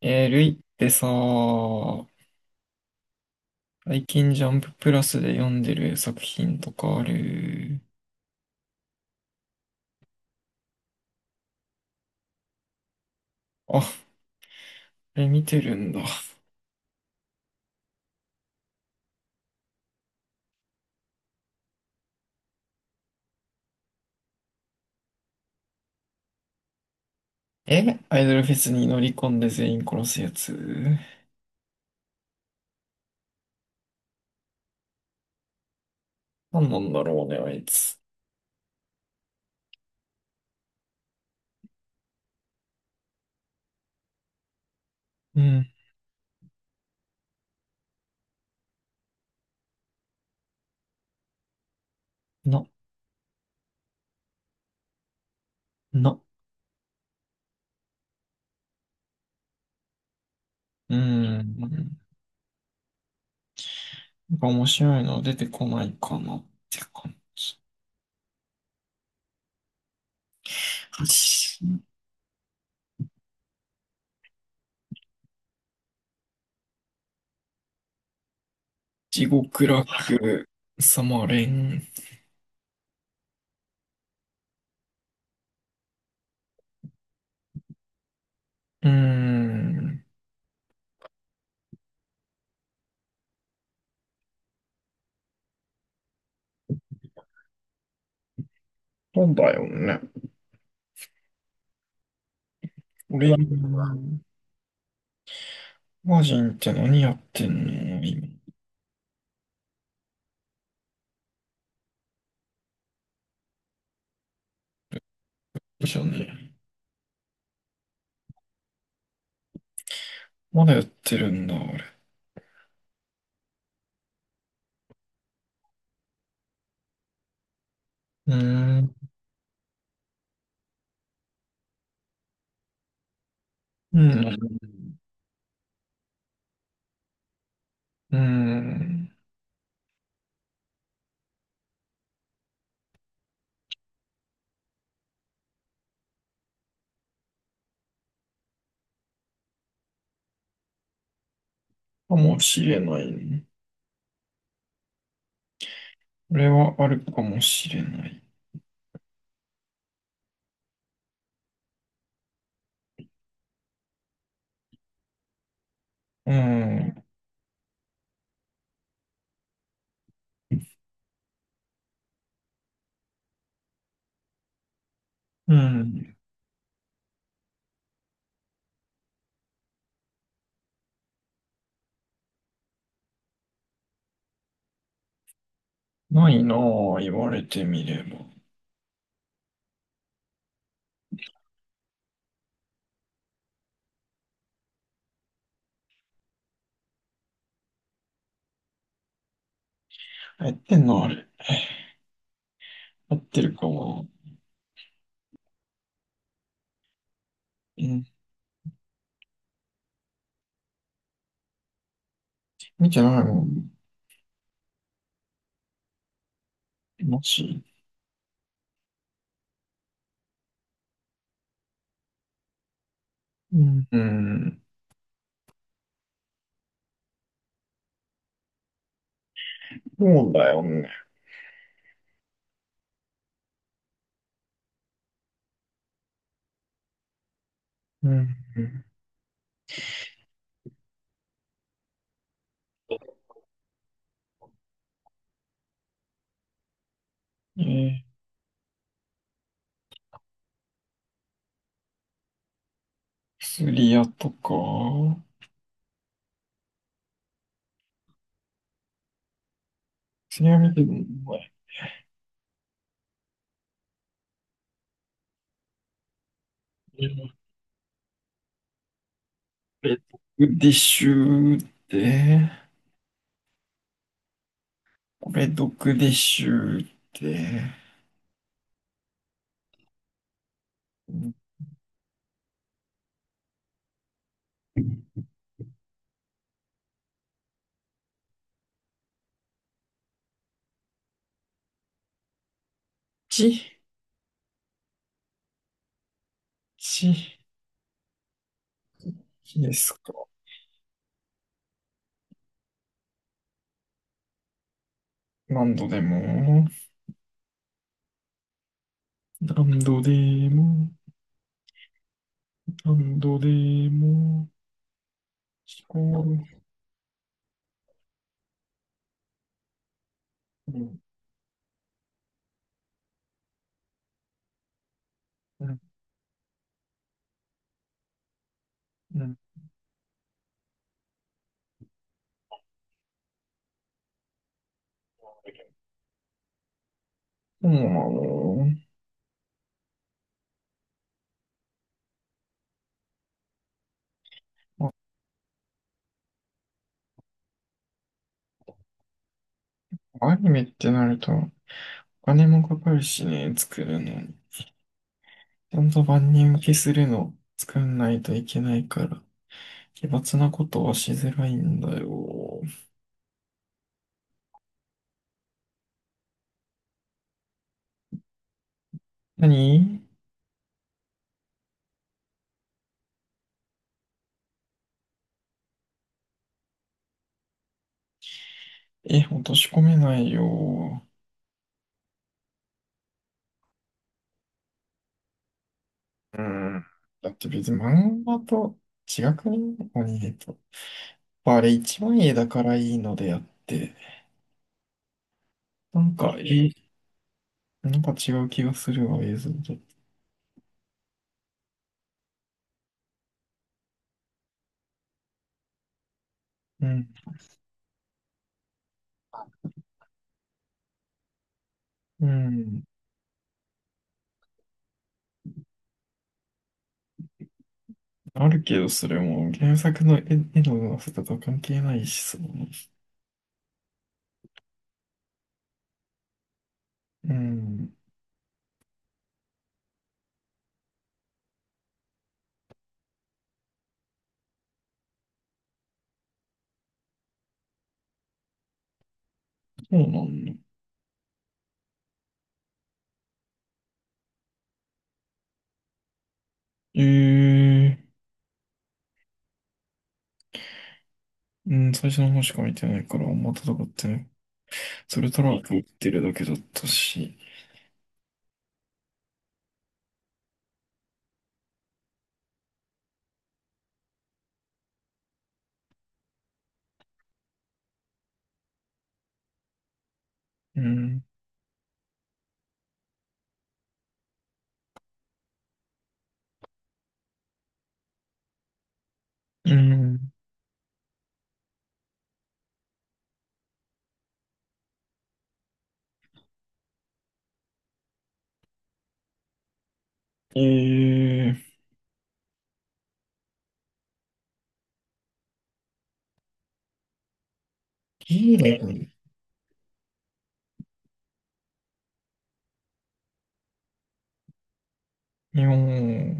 ルイってさ、最近ジャンププラスで読んでる作品とかある？あ、あれ見てるんだ。え、アイドルフェスに乗り込んで全員殺すやつ。なんなんだろうね、あいつ。うん。な、な、うん、なんか面白いの出てこないかなって感じ。地獄楽、サマレン。うーん、そうだよね。俺、マージンって何やってんの今？でしょうね。まだやってるんだ、あれ。うーん。うん。うーん。かもしれないね。これはあるかもしれない。うん。うん。ないなぁ、言われてみれば。やってんのあれ？やってるかも。うん。見てないもん。マジ？うん。うん。そうだよね。うん。えー、薬屋とか。薬屋見てるのお前？えーこれ、ディッシュって。これ、毒でしゅうって。ち、ち、ちですか？何度でも、何度でも、何度でも、聞こえる。うん、うん、うん。そうなの？まあアニメってなると、お金もかかるしね、作るのに。ちゃんと万人受けするの、作んないといけないから、奇抜なことはしづらいんだよ。何え、落とし込めないよ。うん。だって別に漫画と違くね？アニメと。あれ一番絵だからいいのであって、なんか、え、なんか違う気がするわ、映像と。うん。うん。あるけど、それも原作の絵の上手さとは関係ないしさ。うん。そうなんだ。ええ、うん、最初の方しか見てないから、あんま戦ってない。それトランプ打ってるだけだったし。うん。うん。ええ、いいね。いや、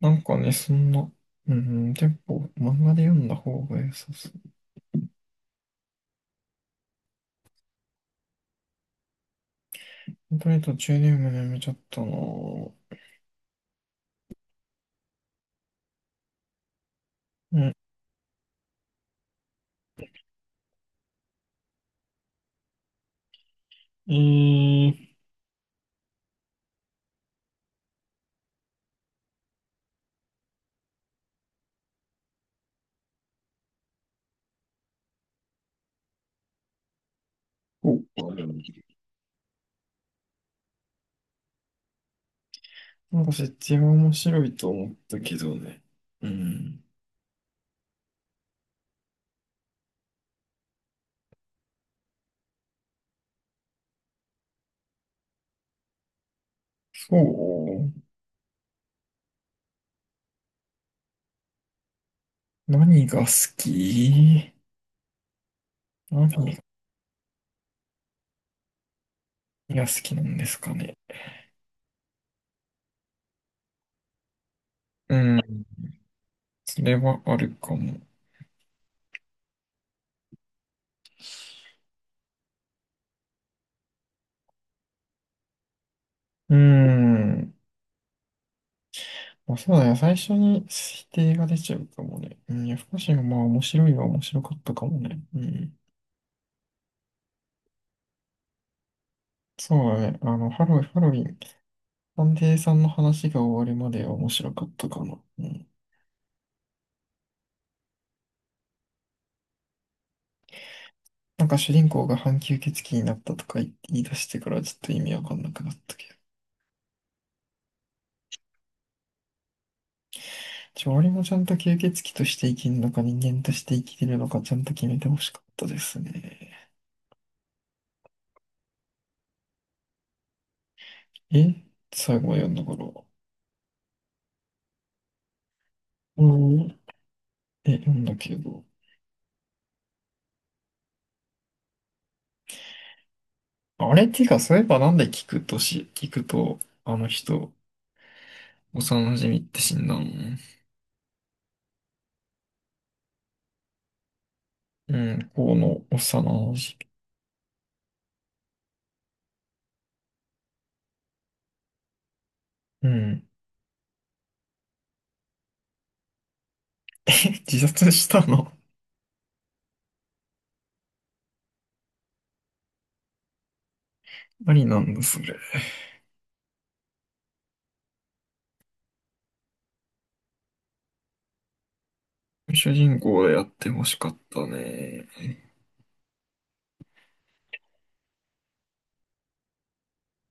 なんかね、そんな、うん、結構漫画で読んだ方が良さそう。とりあえず途中で読むのやめちゃったなぁ。うん、えー、お、あれ、なんか設定は面白いと思ったけどね。うん、そう。何が好き何が好きなんですかね？うん、それはあるかも。うん。まあ、そうだね。最初に否定が出ちゃうかもね。うん、夜更かしがまあ面白いは面白かったかもね。うん。そうだね。あの、ハロウィン探偵さんの話が終わるまでは面白かったかな。うん。なんか主人公が半吸血鬼になったとか言い出してからちょっと意味わかんなくなったけど。俺もちゃんと吸血鬼として生きるのか人間として生きてるのかちゃんと決めてほしかったですね。え、最後は読んだから。うん。え、読んだけど。あれっていうか、そういえばなんで聞くと、あの人、幼馴染って死んだの？うん、この幼馴染。うん。自殺したの？あり、 なんだ、それ。主人公でやってほしかったね。